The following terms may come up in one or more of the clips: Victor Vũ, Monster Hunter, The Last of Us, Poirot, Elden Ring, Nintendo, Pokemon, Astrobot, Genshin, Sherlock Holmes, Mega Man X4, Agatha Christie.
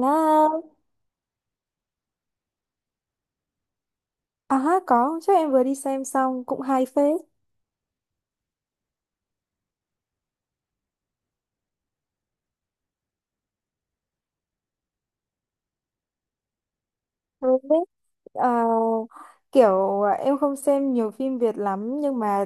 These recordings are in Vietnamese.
Là có chắc em vừa đi xem xong cũng hay phết. Rồi biết ờ, kiểu em không xem nhiều phim Việt lắm, nhưng mà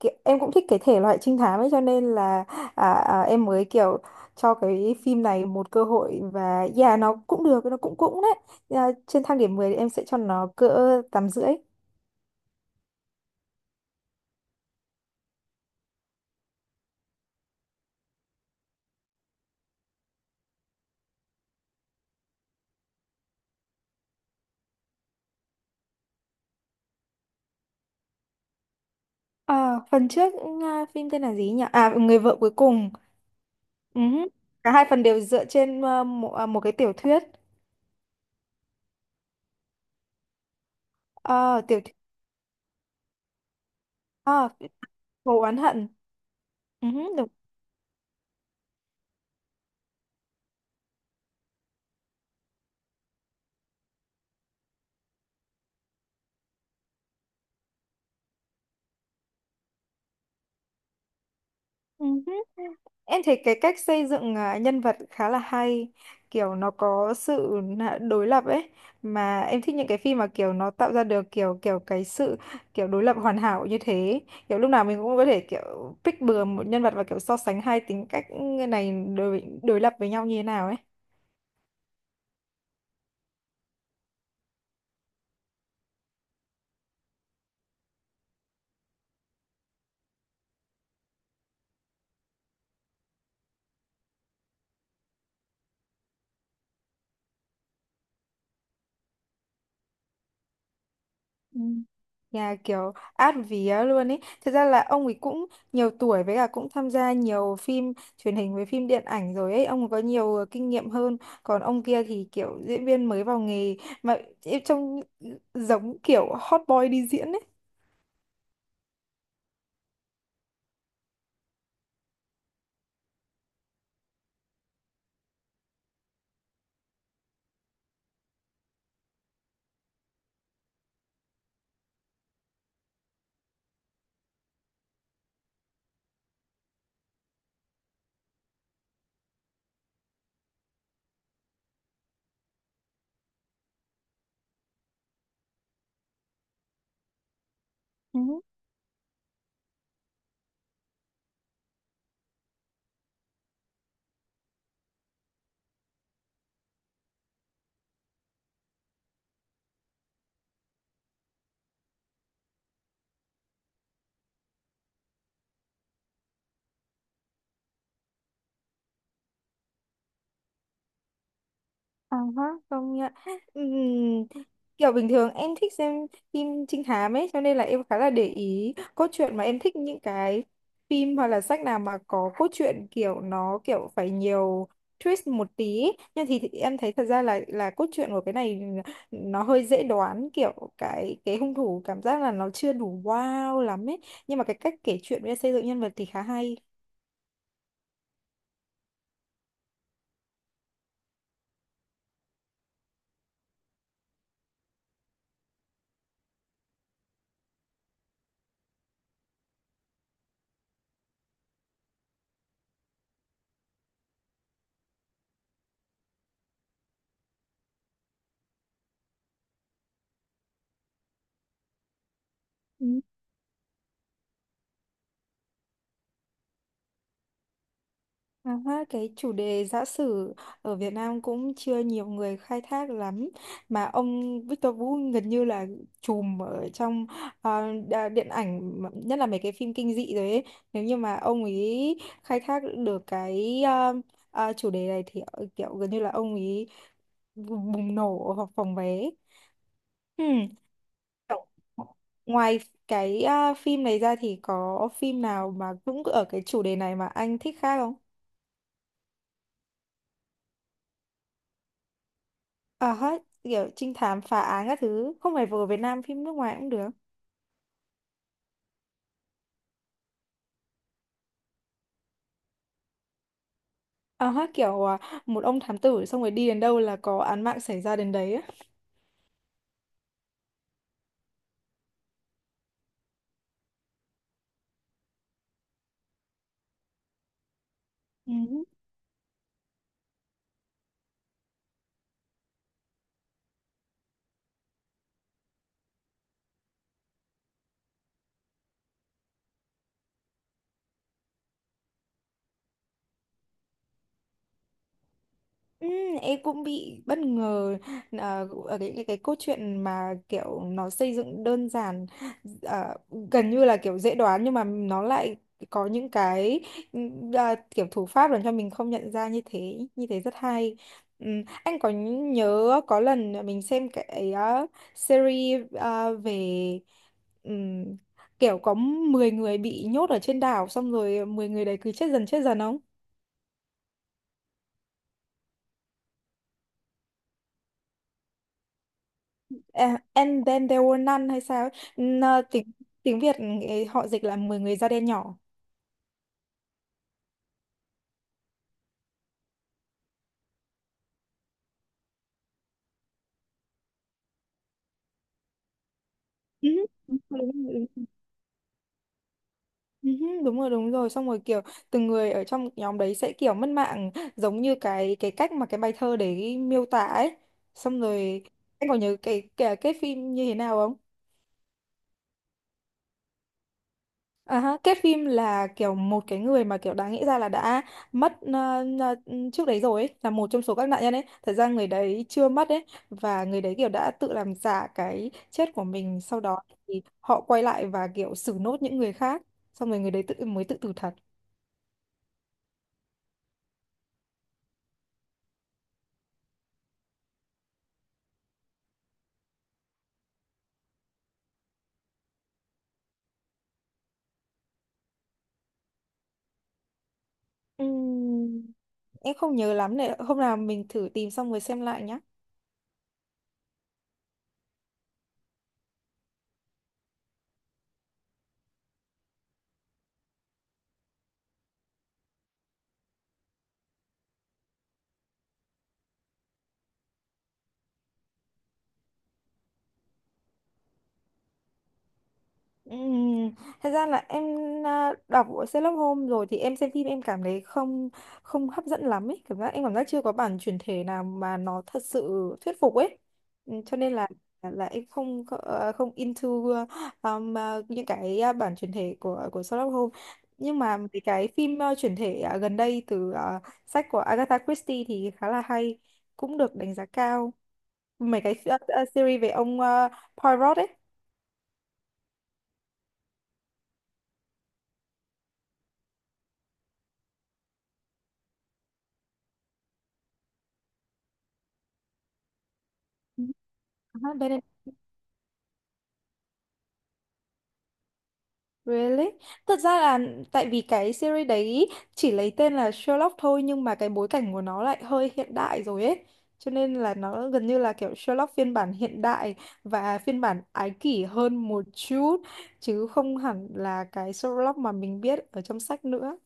kiểu, em cũng thích cái thể loại trinh thám ấy, cho nên là em mới kiểu cho cái phim này một cơ hội. Và yeah, nó cũng được, nó cũng cũng đấy. Trên thang điểm 10 thì em sẽ cho nó cỡ tám rưỡi. Phần trước, phim tên là gì nhỉ, à, người vợ cuối cùng. Uh, cả hai phần đều dựa trên một, một cái tiểu thuyết. Ờ, tiểu thuyết Vụ oán hận. Ừ, đúng. Ừ, em thấy cái cách xây dựng nhân vật khá là hay, kiểu nó có sự đối lập ấy, mà em thích những cái phim mà kiểu nó tạo ra được kiểu kiểu cái sự kiểu đối lập hoàn hảo như thế. Kiểu lúc nào mình cũng có thể kiểu pick bừa một nhân vật và kiểu so sánh hai tính cách, ừ, này đối đối lập với nhau như thế nào ấy. Ừ. Nhà kiểu át vía luôn ấy. Thật ra là ông ấy cũng nhiều tuổi, với cả cũng tham gia nhiều phim truyền hình với phim điện ảnh rồi ấy. Ông ấy có nhiều kinh nghiệm hơn. Còn ông kia thì kiểu diễn viên mới vào nghề, mà trông giống kiểu hot boy đi diễn ấy. Ừ. À, hả, công nhận. Ừm, Kiểu bình thường em thích xem phim trinh thám ấy, cho nên là em khá là để ý cốt truyện, mà em thích những cái phim hoặc là sách nào mà có cốt truyện kiểu nó kiểu phải nhiều twist một tí ấy. Nhưng thì em thấy thật ra là cốt truyện của cái này nó hơi dễ đoán, kiểu cái hung thủ cảm giác là nó chưa đủ wow lắm ấy. Nhưng mà cái cách kể chuyện với xây dựng nhân vật thì khá hay. À, ha, cái chủ đề giã sử ở Việt Nam cũng chưa nhiều người khai thác lắm, mà ông Victor Vũ gần như là trùm ở trong, ờ, điện ảnh mà, nhất là mấy cái phim kinh dị rồi ấy. Nếu như mà ông ấy khai thác được cái chủ đề này thì, ờ, kiểu gần như là ông ấy bùng nổ hoặc phòng vé. Hmm. Kiểu, ngoài cái phim này ra thì có phim nào mà cũng ở cái chủ đề này mà anh thích khác không? Ờ hết kiểu trinh thám phá án các thứ, không phải vừa Việt Nam, phim nước ngoài cũng được. Ờ hết kiểu một ông thám tử xong rồi đi đến đâu là có án mạng xảy ra đến đấy á. Ừ. Ừ, em cũng bị bất ngờ ở cái cốt truyện mà kiểu nó xây dựng đơn giản, ờ, gần như là kiểu dễ đoán, nhưng mà nó lại có những cái, ừ, kiểu thủ pháp làm cho mình không nhận ra, như thế rất hay. Ừ, anh có nhớ có lần mình xem cái series về, ừm, kiểu có 10 người bị nhốt ở trên đảo xong rồi 10 người đấy cứ chết dần không? À, and then there were none hay sao ấy. Tiếng, tiếng Việt ấy, họ dịch là 10 người da đen nhỏ. Ừ, đúng rồi, đúng rồi. Ừ, đúng rồi đúng rồi, xong rồi kiểu từng người ở trong nhóm đấy sẽ kiểu mất mạng giống như cái cách mà cái bài thơ đấy miêu tả ấy, xong rồi anh còn nhớ cái phim như thế nào. À, ha, kết phim là kiểu một cái người mà kiểu đáng nghĩ ra là đã mất trước đấy rồi ấy, là một trong số các nạn nhân ấy. Thật ra người đấy chưa mất ấy, và người đấy kiểu đã tự làm giả cái chết của mình. Sau đó thì họ quay lại và kiểu xử nốt những người khác. Xong rồi người đấy tự mới tự tử thật. Ừm, em không nhớ lắm này. Hôm nào mình thử tìm xong rồi xem lại nhá. Ừm, thật ra là em đọc của Sherlock Holmes rồi thì em xem phim em cảm thấy không không hấp dẫn lắm ấy, cảm giác em cảm giác chưa có bản chuyển thể nào mà nó thật sự thuyết phục ấy. Cho nên là em không có, ờ, không into những cái bản chuyển thể của Sherlock Holmes. Nhưng mà mấy cái phim chuyển thể, gần đây từ sách của Agatha Christie thì khá là hay, cũng được đánh giá cao. Mấy cái series về ông Poirot ấy. Ừ. Really? Thật ra là tại vì cái series đấy chỉ lấy tên là Sherlock thôi, nhưng mà cái bối cảnh của nó lại hơi hiện đại rồi ấy. Cho nên là nó gần như là kiểu Sherlock phiên bản hiện đại và phiên bản ái kỷ hơn một chút, chứ không hẳn là cái Sherlock mà mình biết ở trong sách nữa.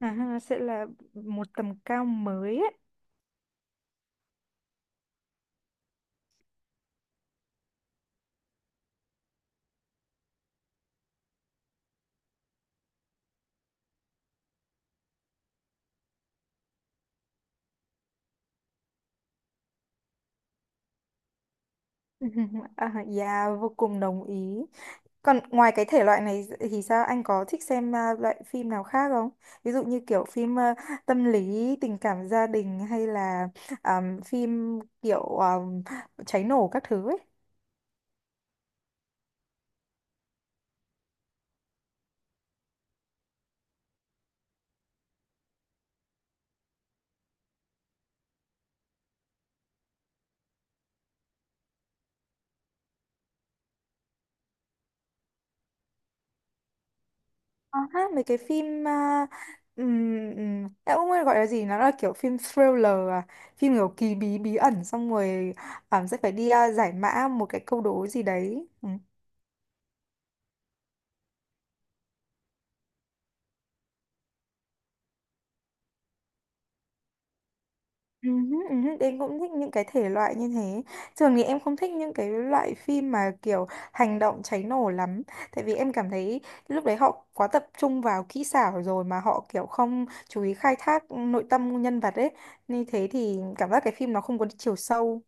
À, ha, sẽ là một tầm cao mới ấy. À, yeah, vô cùng đồng ý. Còn ngoài cái thể loại này thì sao, anh có thích xem loại phim nào khác không? Ví dụ như kiểu phim tâm lý, tình cảm gia đình, hay là phim kiểu cháy nổ các thứ ấy. Có hát mấy cái phim em không biết gọi là gì, nó là kiểu phim thriller, phim kiểu kỳ bí bí ẩn, xong rồi sẽ phải đi giải mã một cái câu đố gì đấy. Ừ. Ừ, hứ, em cũng thích những cái thể loại như thế. Thường thì em không thích những cái loại phim mà kiểu hành động cháy nổ lắm. Tại vì em cảm thấy lúc đấy họ quá tập trung vào kỹ xảo rồi, mà họ kiểu không chú ý khai thác nội tâm nhân vật ấy. Như thế thì cảm giác cái phim nó không có chiều sâu.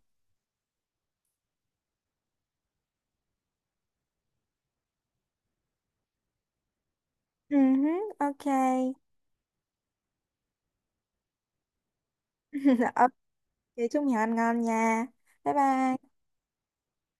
Ừ, hứ, ok. Ok, chúc mình ăn ngon nha. Bye bye.